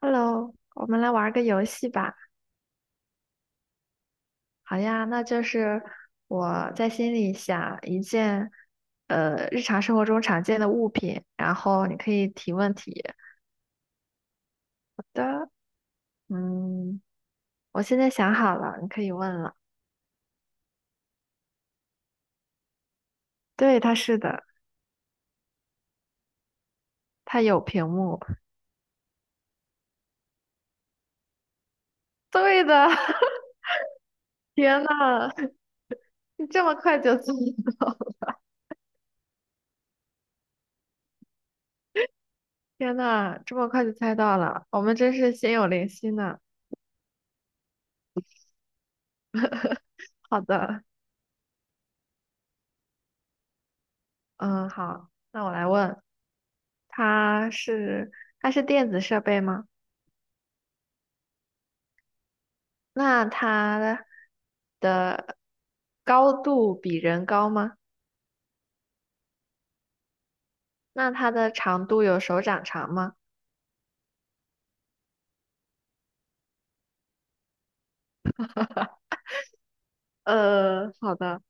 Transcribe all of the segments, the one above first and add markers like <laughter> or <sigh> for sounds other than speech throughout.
Hello，我们来玩个游戏吧。好呀，那就是我在心里想一件，日常生活中常见的物品，然后你可以提问题的。嗯，我现在想好了，你可以问了。对，它是的，它有屏幕。对的，<laughs> 天呐，你这么快就猜到了？天呐，这么快就猜到了，我们真是心有灵犀呢。好的，嗯，好，那我来问。它是它是电子设备吗？那它的高度比人高吗？那它的长度有手掌长吗？好的。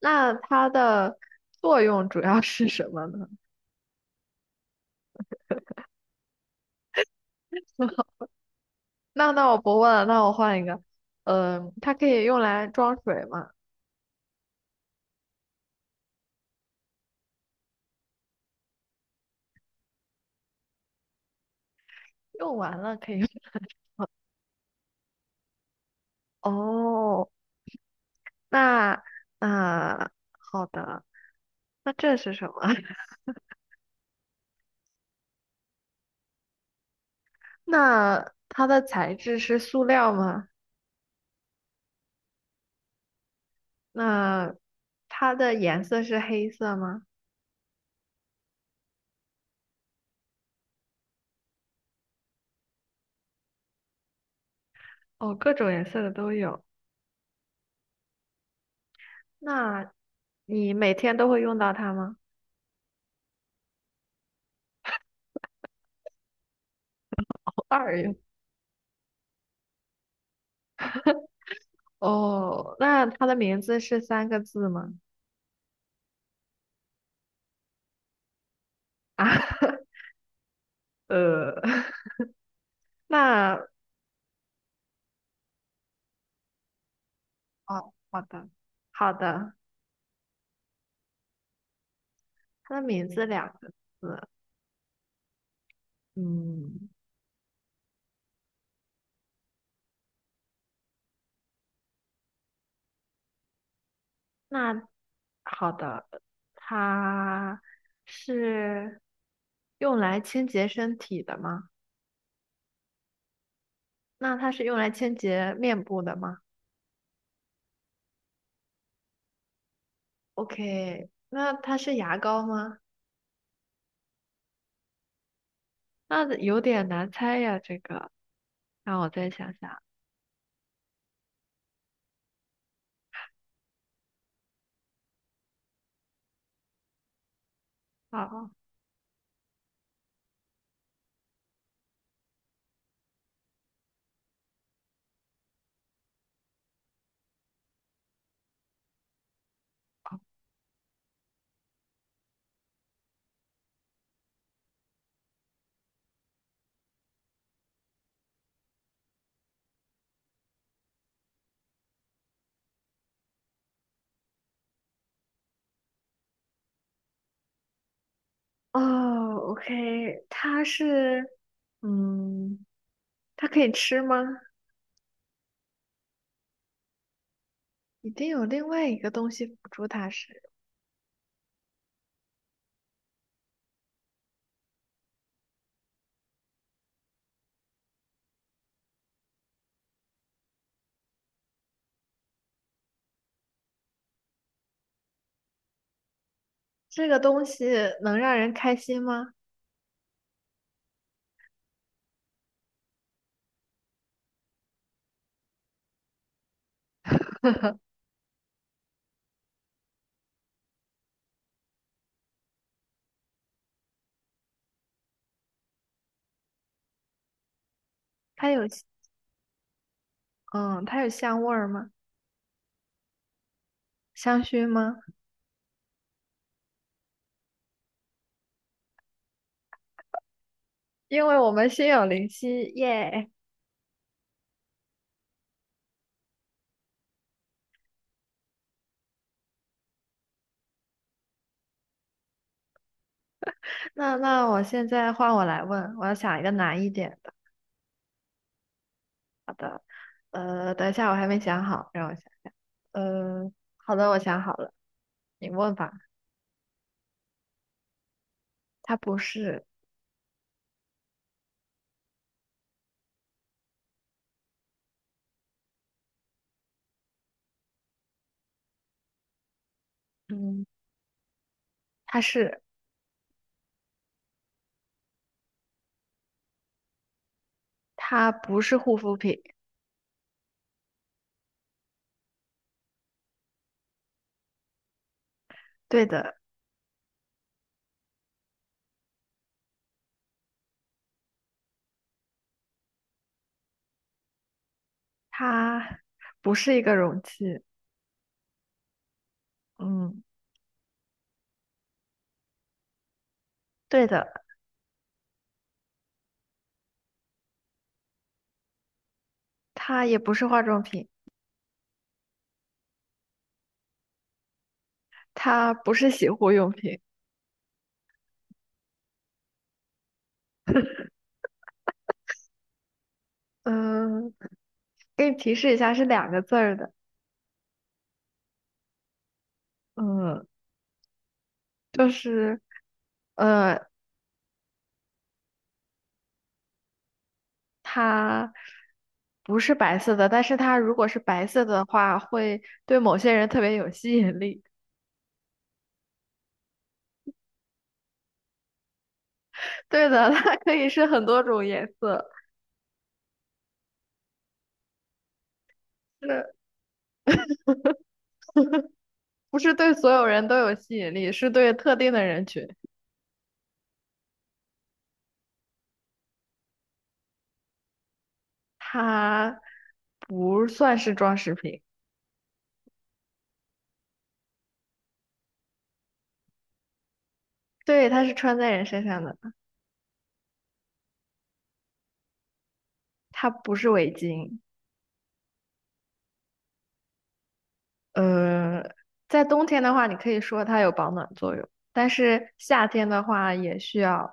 那它的作用主要是什么呢？<laughs> 那我不问了，那我换一个。它可以用来装水吗？用完了可以用。<laughs> 哦，那那好的，那这是什么？<laughs> 那它的材质是塑料吗？那它的颜色是黑色吗？哦，各种颜色的都有。那你每天都会用到它吗？偶尔用。哦，那它的名字是三个字吗？啊，<laughs> 呃，<laughs> 那哦，好的，好的，它的名字两个字，嗯，那好的，它是用来清洁身体的吗？那它是用来清洁面部的吗？OK，那它是牙膏吗？那有点难猜呀，这个让我再想想。好，哦，OK，它是，嗯，它可以吃吗？一定有另外一个东西辅助它吃。这个东西能让人开心吗？它有，嗯，它有香味儿吗？香薰吗？因为我们心有灵犀，耶！那我现在换我来问，我要想一个难一点的。等一下，我还没想好，让我想。呃，好的，我想好了，你问吧。它不是，嗯，它是，它不是护肤品，对的，它不是一个容器，嗯，对的，它也不是化妆品，它不是洗护用品，嗯，给你提示一下，是两个字儿的，嗯，就是呃，它不是白色的，但是它如果是白色的话，会对某些人特别有吸引力。对的，它可以是很多种颜色。是不是对所有人都有吸引力？是对特定的人群，它不算是装饰品，对，它是穿在人身上的，它不是围巾。呃，在冬天的话，你可以说它有保暖作用，但是夏天的话也需要，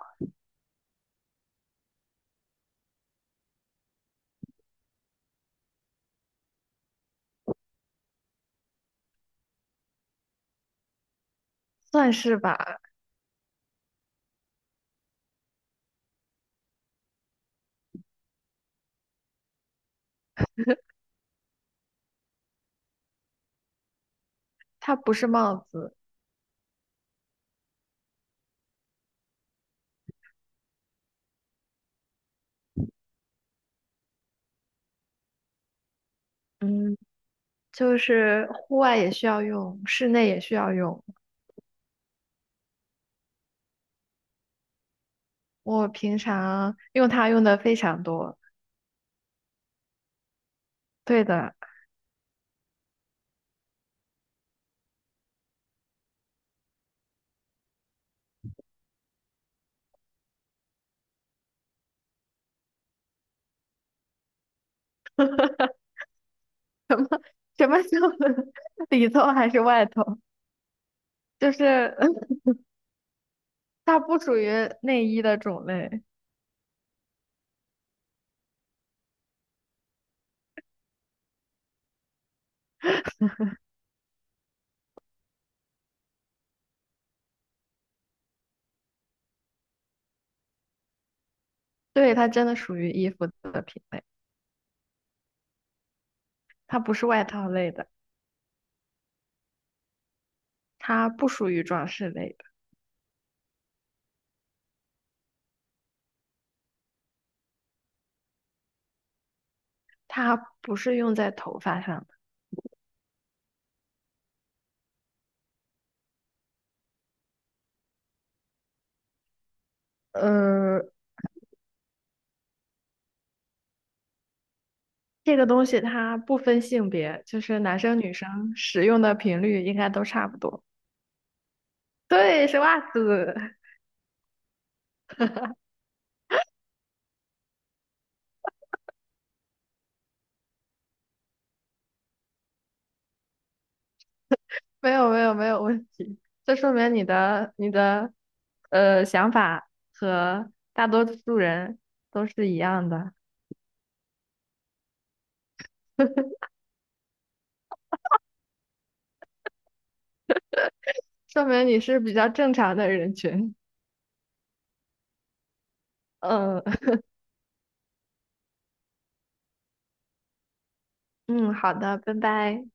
算是吧。它不是帽子，嗯，就是户外也需要用，室内也需要用。我平常用它用的非常多。对的，什么时候 <laughs> 里头还是外头？就是 <laughs> 它不属于内衣的种类，对，它真的属于衣服的品类，它不是外套类的，它不属于装饰类的，它不是用在头发上的。呃，这个东西它不分性别，就是男生女生使用的频率应该都差不多。对，是袜子，没有没有没有问题，这说明你的想法和大多数人都是一样的。说明你是比较正常的人群。嗯嗯，好的，拜拜。